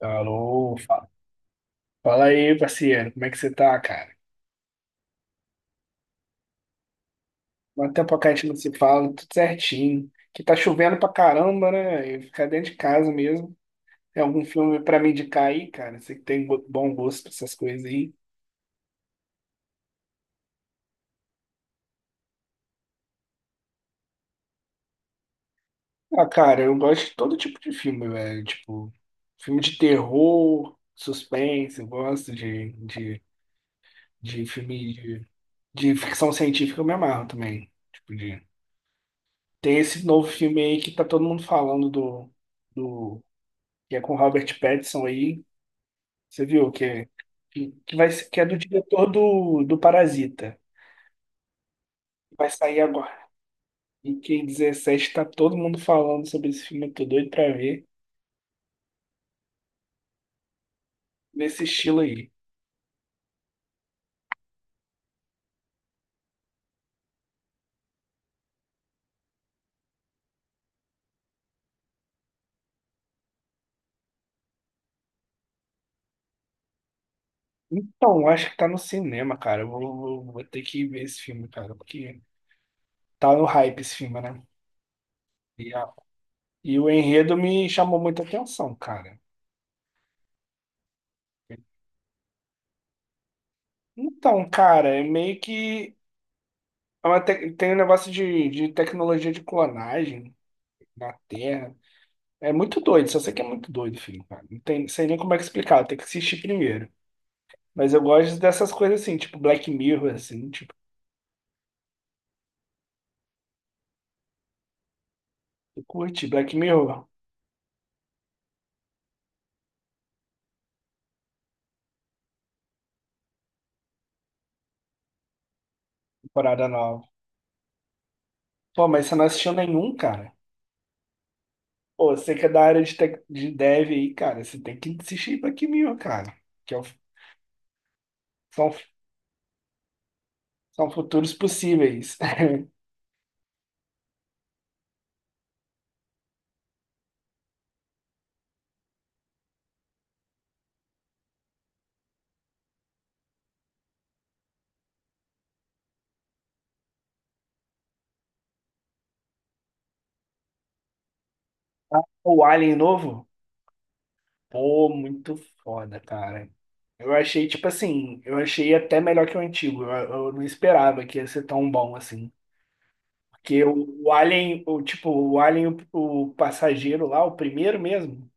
Alô, fala aí, parceiro, como é que você tá, cara? Quanto tempo que a gente não se fala, tudo certinho. Que tá chovendo pra caramba, né? E ficar dentro de casa mesmo. Tem algum filme pra me indicar aí, cara? Você que tem bom gosto pra essas coisas aí. Ah, cara, eu gosto de todo tipo de filme, velho. Tipo, filme de terror, suspense, eu gosto de filme de ficção científica, eu me amarro também. Tem esse novo filme aí que tá todo mundo falando do, que é com o Robert Pattinson aí. Você viu que é, que vai, que é do diretor do Parasita. Vai sair agora. E que 17 tá todo mundo falando sobre esse filme. Eu tô doido pra ver nesse estilo aí. Então, acho que tá no cinema, cara. Eu vou ter que ver esse filme, cara, porque tá no hype esse filme, né? E, a- e o enredo me chamou muita atenção, cara. Então, cara, é meio que tem um negócio de tecnologia de clonagem na Terra. É muito doido, só sei que é muito doido, filho, cara. Não tem, sei nem como é que explicar, tem que assistir primeiro. Mas eu gosto dessas coisas assim, tipo Black Mirror, assim, tipo, eu curti Black Mirror, temporada nova. Pô, mas você não assistiu nenhum, cara? Pô, você que é da área de tech, de dev aí, cara, você tem que assistir Black Mirror, cara. Que é o- são, são futuros possíveis. O Alien novo? Pô, muito foda, cara. Eu achei, tipo assim, eu achei até melhor que o antigo. Eu não esperava que ia ser tão bom assim. Que o Alien, o tipo, o Alien, o passageiro lá, o primeiro mesmo,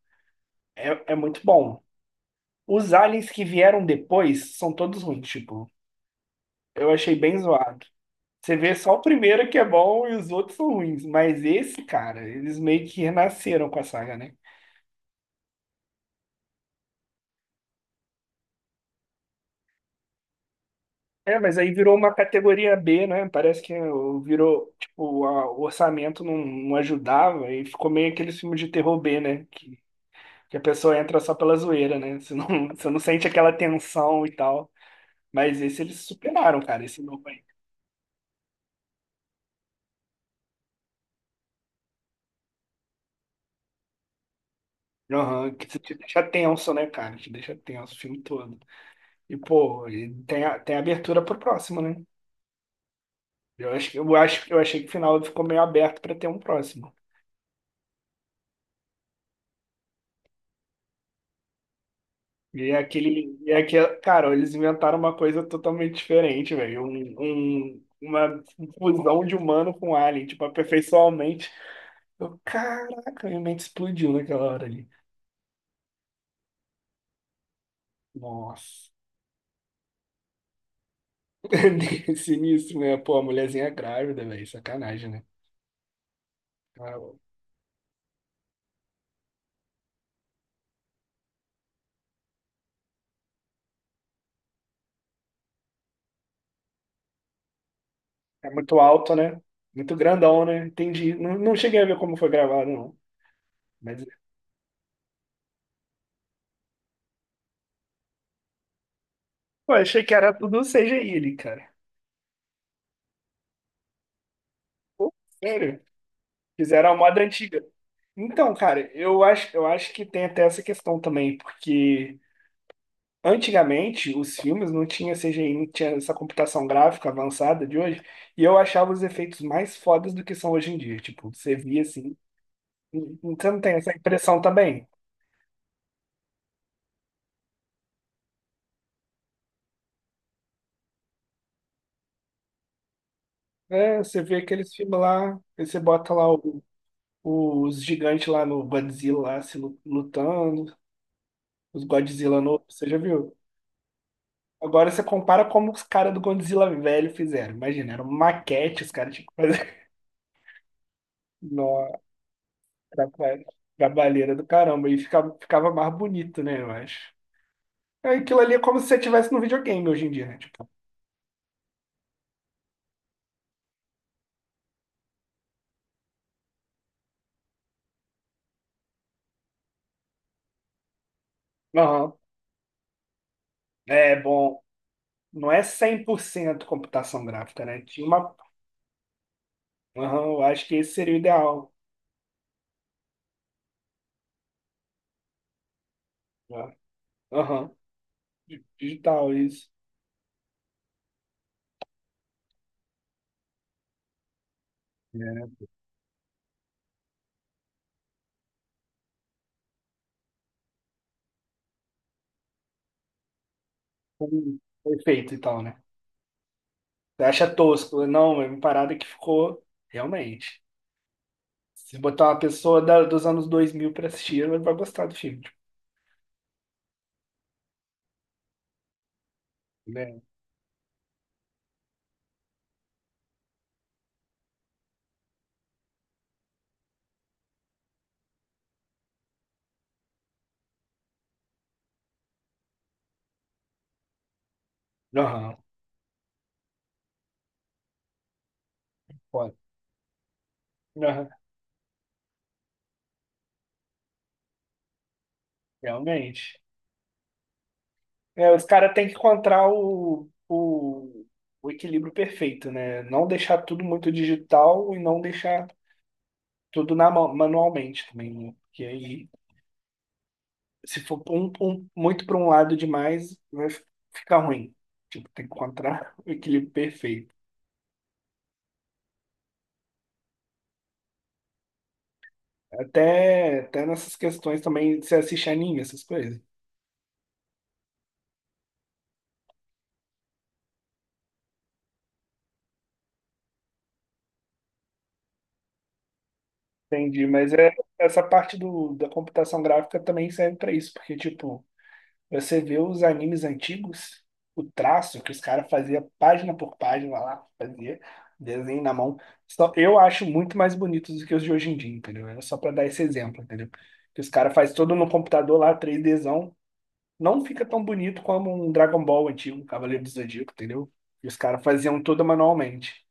é muito bom. Os aliens que vieram depois são todos ruins, tipo, eu achei bem zoado. Você vê só o primeiro que é bom e os outros são ruins, mas esse, cara, eles meio que renasceram com a saga, né? É, mas aí virou uma categoria B, né? Parece virou, tipo, o orçamento não ajudava e ficou meio aquele filme de terror B, né? que Porque a pessoa entra só pela zoeira, né? Você não, você não sente aquela tensão e tal. Mas esse eles superaram, cara, esse novo aí. Aham, que te deixa tenso, né, cara? Te deixa tenso o filme todo. E, pô, e tem abertura pro próximo, né? Eu acho, que- eu acho, eu achei que o final ficou meio aberto pra ter um próximo. E é aquele, cara, eles inventaram uma coisa totalmente diferente, velho. Uma fusão de humano com alien, tipo, aperfeiçoalmente. Caraca, minha mente explodiu naquela hora ali. Nossa. Sinistro, né? Pô, a mulherzinha grávida, velho. Sacanagem, né? É muito alto, né? Muito grandão, né? Entendi. Não, não cheguei a ver como foi gravado, não. Mas, pô, achei que era tudo CGI ali, cara. Pô, sério. Fizeram a moda antiga. Então, cara, eu acho que tem até essa questão também, porque antigamente os filmes não tinha CGI, não tinha essa computação gráfica avançada de hoje, e eu achava os efeitos mais fodas do que são hoje em dia. Tipo, você via assim, você não tem essa impressão também? É, você vê aqueles filmes lá, aí você bota lá o os gigantes lá no Godzilla lá, se lutando, os Godzilla novos, você já viu? Agora você compara como os caras do Godzilla velho fizeram. Imagina, era uma maquete, os caras tinham que fazer. Nossa, traba- trabalheira do caramba. E ficava mais bonito, né, eu acho. É, aquilo ali é como se você estivesse no videogame hoje em dia, né? Tipo, aham, é bom. Não é 100% computação gráfica, né? Tinha uma. Aham, eu acho que esse seria o ideal. Né? Aham, digital, isso. Com efeito e tal, né? Você acha tosco? Não, é uma parada que ficou realmente. Se botar uma pessoa dos anos 2000 pra assistir, ela vai gostar do filme. Tipo, né? Aham, pode. Aham, realmente. É, os caras têm que encontrar o equilíbrio perfeito, né? Não deixar tudo muito digital e não deixar tudo na mão, manualmente também, né? Porque aí se for muito para um lado demais, vai ficar ruim. Tipo, tem que encontrar o equilíbrio perfeito. Até nessas questões também, você assiste anime, essas coisas. Entendi, mas é, essa parte da computação gráfica também serve para isso, porque, tipo, você vê os animes antigos, o traço que os caras faziam página por página lá, fazia desenho na mão. Só, eu acho muito mais bonitos do que os de hoje em dia, entendeu? Era só para dar esse exemplo, entendeu? Que os caras fazem todo no computador lá, 3Dzão, não fica tão bonito como um Dragon Ball antigo, um Cavaleiro do Zodíaco, entendeu? E os caras faziam tudo manualmente.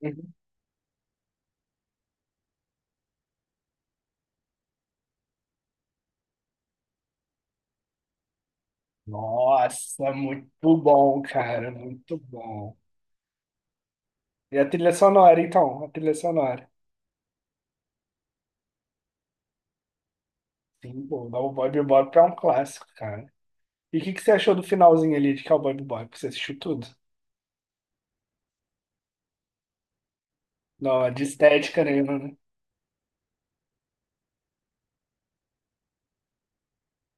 Uhum. Nossa, muito bom, cara, muito bom. E a trilha sonora, então? A trilha sonora. Sim, pô, Cowboy Bebop é um clássico, cara. E o que que você achou do finalzinho ali de Cowboy Bebop? Você assistiu tudo? Não, de estética, nenhuma, né?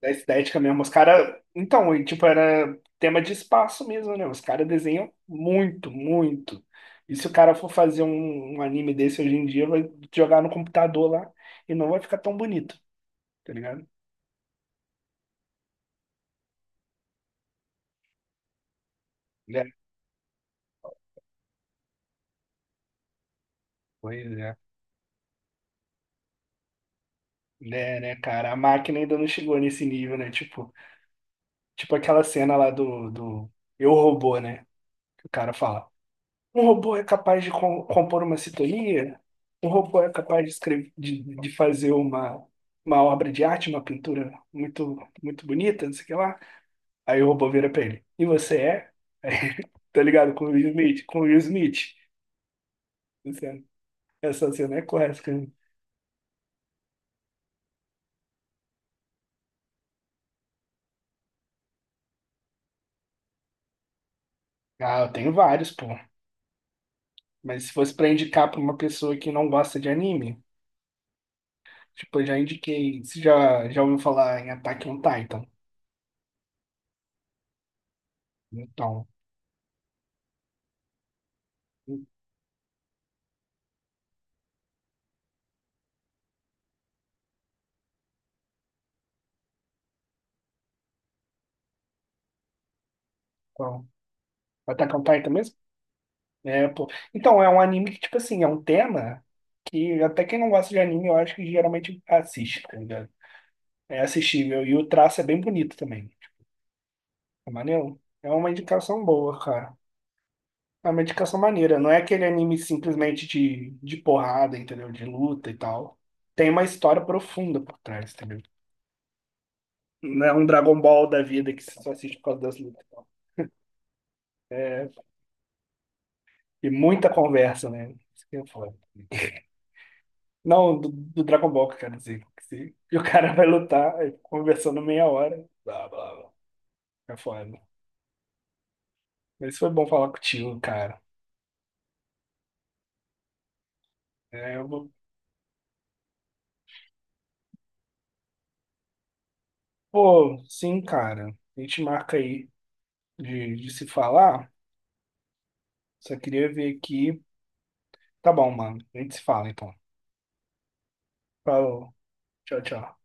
Da estética mesmo. Os caras. Então, e, tipo, era tema de espaço mesmo, né? Os caras desenham muito, muito. E se o cara for fazer um, um anime desse hoje em dia, vai jogar no computador lá e não vai ficar tão bonito, tá ligado? Né? Pois é. Né, né, cara? A máquina ainda não chegou nesse nível, né? Tipo, tipo aquela cena lá do Eu Robô, né? Que o cara fala. Um robô é capaz de compor uma sintonia? Um robô é capaz de escrever, de fazer uma obra de arte, uma pintura muito, muito bonita, não sei o que lá. Aí o robô vira pra ele. E você é? Tá ligado? Com o Will Smith? Com o Will Smith. Essa essa cena é clássica, né? Ah, eu tenho vários, pô. Mas se fosse pra indicar pra uma pessoa que não gosta de anime, tipo, eu já indiquei. Você já ouviu falar em Attack on Titan? Então, então. Attack on Titan mesmo? É, pô. Então, é um anime que, tipo assim, é um tema que até quem não gosta de anime, eu acho que geralmente assiste, tá ligado? É assistível. E o traço é bem bonito também. É maneiro. É uma indicação boa, cara. É uma indicação maneira. Não é aquele anime simplesmente de porrada, entendeu? De luta e tal. Tem uma história profunda por trás, entendeu? Não é um Dragon Ball da vida que você só assiste por causa das lutas. E muita conversa, né? Isso que é foda. Não, do Dragon Ball, que eu quero dizer. Que se- E o cara vai lutar, aí fica conversando meia hora. Blá, blá, blá. É foda. Mas foi bom falar contigo, cara. É, eu vou- Pô, sim, cara. A gente marca aí de se falar. Só queria ver aqui. Tá bom, mano. A gente se fala, então. Falou. Tchau, tchau.